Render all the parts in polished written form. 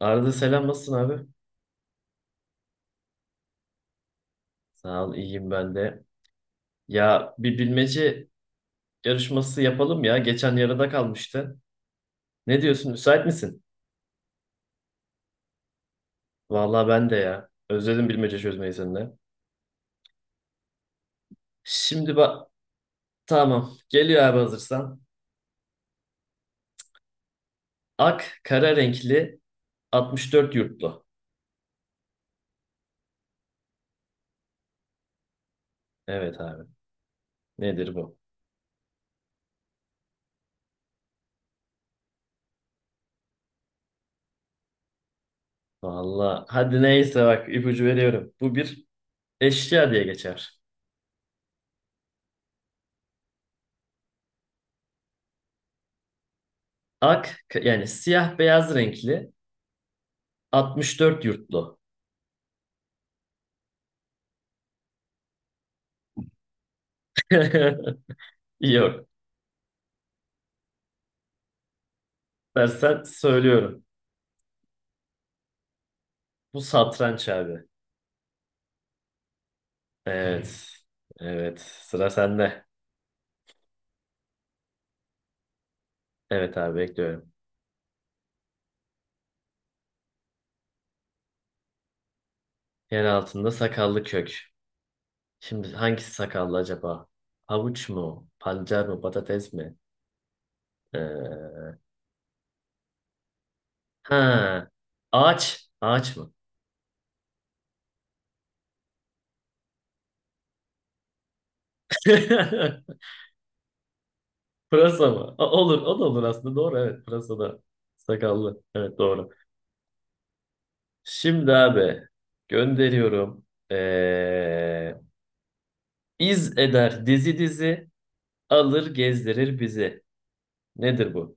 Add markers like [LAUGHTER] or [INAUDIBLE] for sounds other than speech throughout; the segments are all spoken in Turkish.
Arada selam, nasılsın abi? Sağ ol, iyiyim ben de. Ya bir bilmece yarışması yapalım ya. Geçen yarıda kalmıştı. Ne diyorsun, müsait misin? Vallahi ben de ya. Özledim bilmece çözmeyi seninle. Şimdi bak, tamam, geliyor abi, hazırsan. Ak kara renkli, 64 yurtlu. Evet abi, nedir bu? Vallahi hadi neyse, bak ipucu veriyorum. Bu bir eşya diye geçer. Ak yani siyah beyaz renkli, 64 yurtlu. [LAUGHS] Yok. Dersen söylüyorum. Bu satranç abi. Hmm. Evet. Evet. Sıra sende. Evet abi, bekliyorum. Yer altında sakallı kök. Şimdi hangisi sakallı acaba? Havuç mu? Pancar mı? Patates mi? Ee, ha. Ağaç. Ağaç mı? [LAUGHS] Pırasa mı? O- olur. O da olur aslında. Doğru, evet. Pırasa da sakallı. Evet, doğru. Şimdi abi, gönderiyorum. Ee, iz eder dizi dizi. Alır gezdirir bizi. Nedir bu?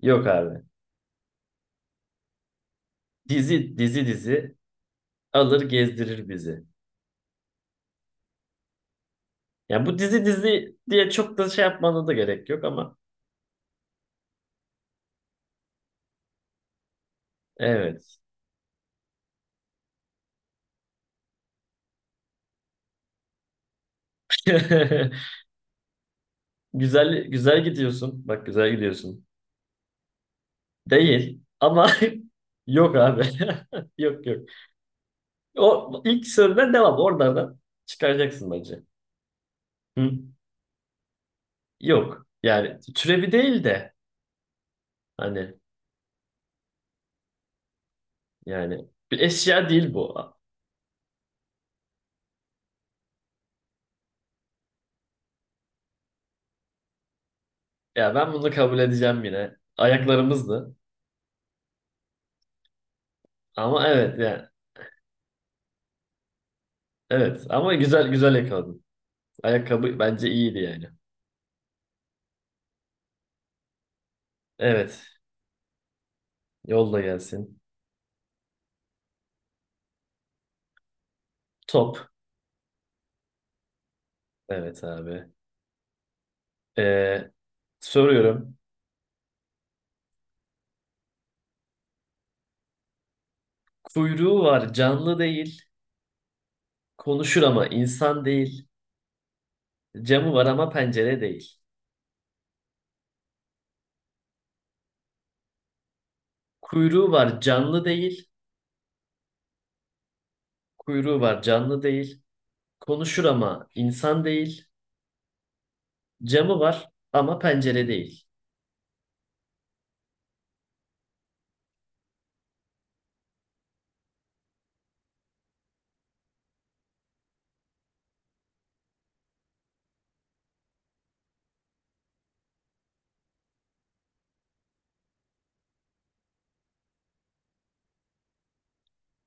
Yok abi. Dizi dizi dizi, alır gezdirir bizi. Ya bu dizi dizi diye çok da şey yapmana da gerek yok ama evet. [LAUGHS] Güzel güzel gidiyorsun. Bak, güzel gidiyorsun. Değil ama [LAUGHS] yok abi. [LAUGHS] Yok, yok. O ilk sorudan devam. Oralardan çıkaracaksın bence. Hı? Yok. Yani türevi değil de, hani, yani bir eşya değil bu. Ya ben bunu kabul edeceğim yine. Ayaklarımızdı. Ama evet yani. Evet ama güzel güzel yakaladın. Ayakkabı bence iyiydi yani. Evet. Yolla gelsin. Top. Evet abi. Ee, soruyorum. Kuyruğu var, canlı değil. Konuşur ama insan değil. Camı var ama pencere değil. Kuyruğu var, canlı değil. Kuyruğu var, canlı değil. Konuşur ama insan değil. Camı var ama pencere değil.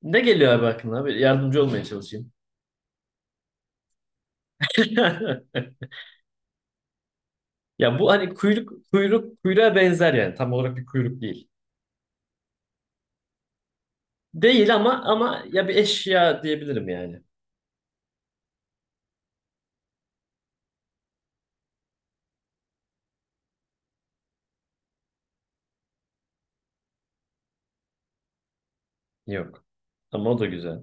Ne geliyor abi aklına? Bir yardımcı olmaya çalışayım. [LAUGHS] Ya bu hani kuyruk, kuyruk kuyruğa benzer yani. Tam olarak bir kuyruk değil. Değil ama, ama ya bir eşya diyebilirim yani. Yok. Ama o da güzel.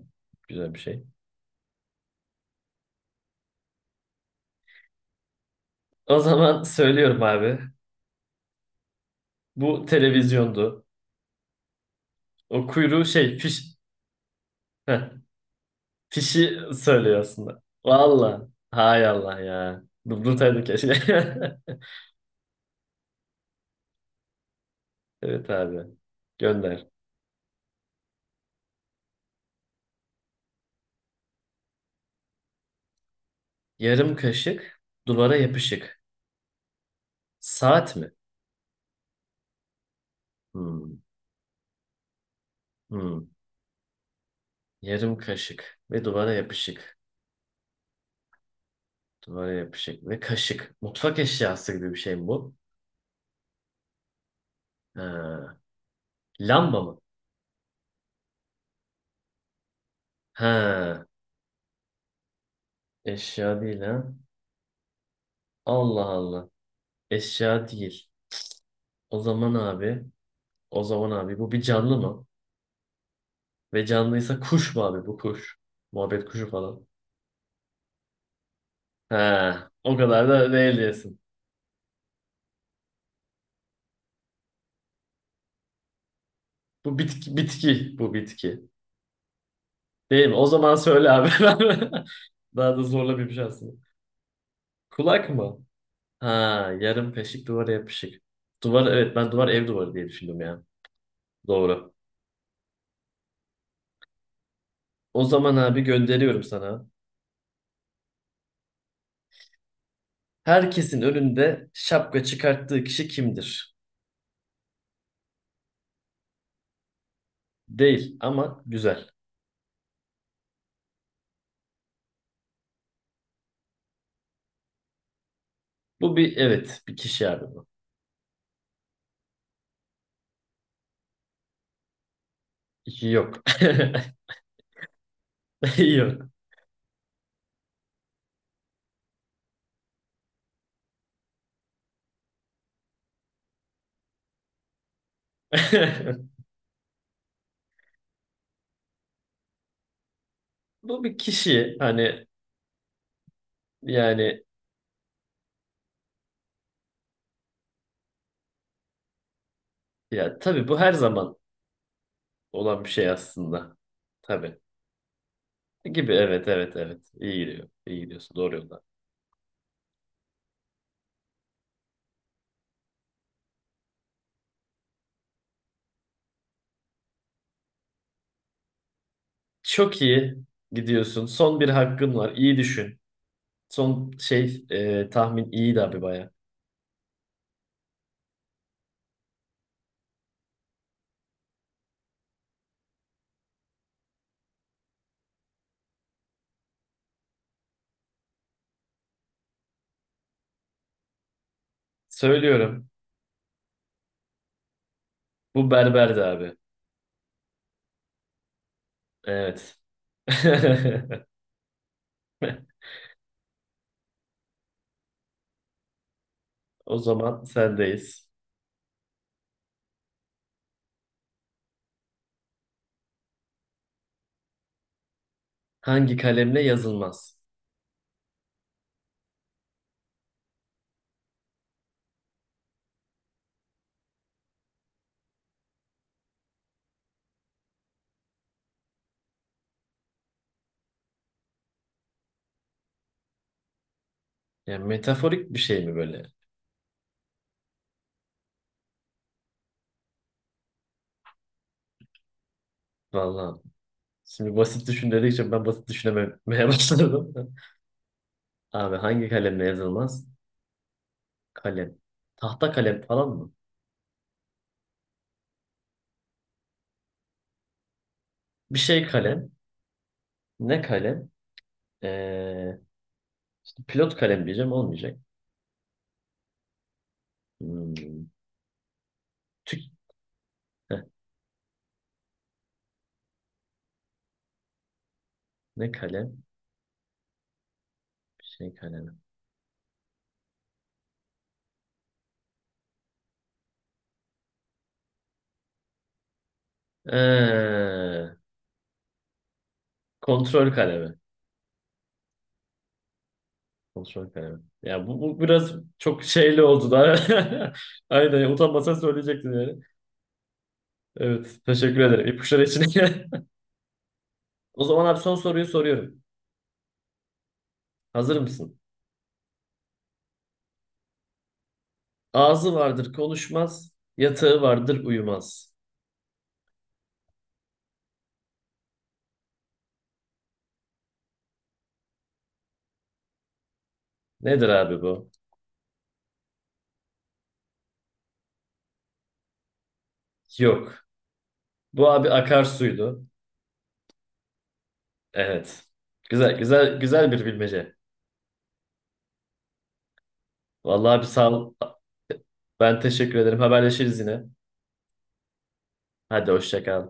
Güzel bir şey. O zaman [LAUGHS] söylüyorum abi. Bu televizyondu. O kuyruğu şey, fiş, heh, fişi söylüyor aslında. Valla. Hay Allah ya. Durdurtaydım keşke. [LAUGHS] Evet abi. Gönder. Yarım kaşık duvara yapışık. Saat mi? Hmm. Hmm. Yarım kaşık ve duvara yapışık. Duvara yapışık ve kaşık. Mutfak eşyası gibi bir şey mi bu? Ha. Lamba mı? Ha. Eşya değil ha. Allah Allah. Eşya değil. O zaman abi, o zaman abi bu bir canlı mı? Ve canlıysa kuş mu abi, bu kuş? Muhabbet kuşu falan. Ha. O kadar da değil diyorsun. Bu bitki, bitki. Bu bitki. Değil mi? O zaman söyle abi. [LAUGHS] Daha da zorla bir şey şansını. Kulak mı? Ha, yarım kaşık duvara yapışık. Duvar, evet, ben duvar, ev duvarı diye düşündüm ya. Doğru. O zaman abi gönderiyorum sana. Herkesin önünde şapka çıkarttığı kişi kimdir? Değil ama güzel. Bu bir, evet, bir kişi abi bu. Yok. [LAUGHS] Yok. [LAUGHS] Bu bir kişi, hani yani, ya tabii bu her zaman olan bir şey aslında. Tabii. Gibi, evet, evet, evet. İyi gidiyor. İyi gidiyorsun. Doğru yolda. Çok iyi gidiyorsun. Son bir hakkın var. İyi düşün. Son şey, tahmin iyiydi abi baya. Söylüyorum. Bu berberdi abi. Evet. [LAUGHS] O zaman sendeyiz. Hangi kalemle yazılmaz? Yani metaforik bir şey mi böyle? Vallahi. Şimdi basit düşün dedikçe ben basit düşünememeye [LAUGHS] başladım. Abi hangi kalemle yazılmaz? Kalem. Tahta kalem falan mı? Bir şey kalem. Ne kalem? Ee, pilot kalem diyeceğim, olmayacak. Hmm. Tük-, heh, ne kalem? Bir şey kalemi. Ee, kontrol kalemi. Kontrol kalemi. Ya bu, bu biraz çok şeyli oldu da. [LAUGHS] Aynen, utanmasan söyleyecektin yani. Evet, teşekkür ederim ipuçları için. [LAUGHS] O zaman abi son soruyu soruyorum. Hazır mısın? Ağzı vardır konuşmaz, yatağı vardır uyumaz. Nedir abi bu? Yok. Bu abi akarsuydu. Evet. Güzel, güzel, güzel bir bilmece. Vallahi abi sağ ol. Ben teşekkür ederim. Haberleşiriz yine. Hadi hoşça kal.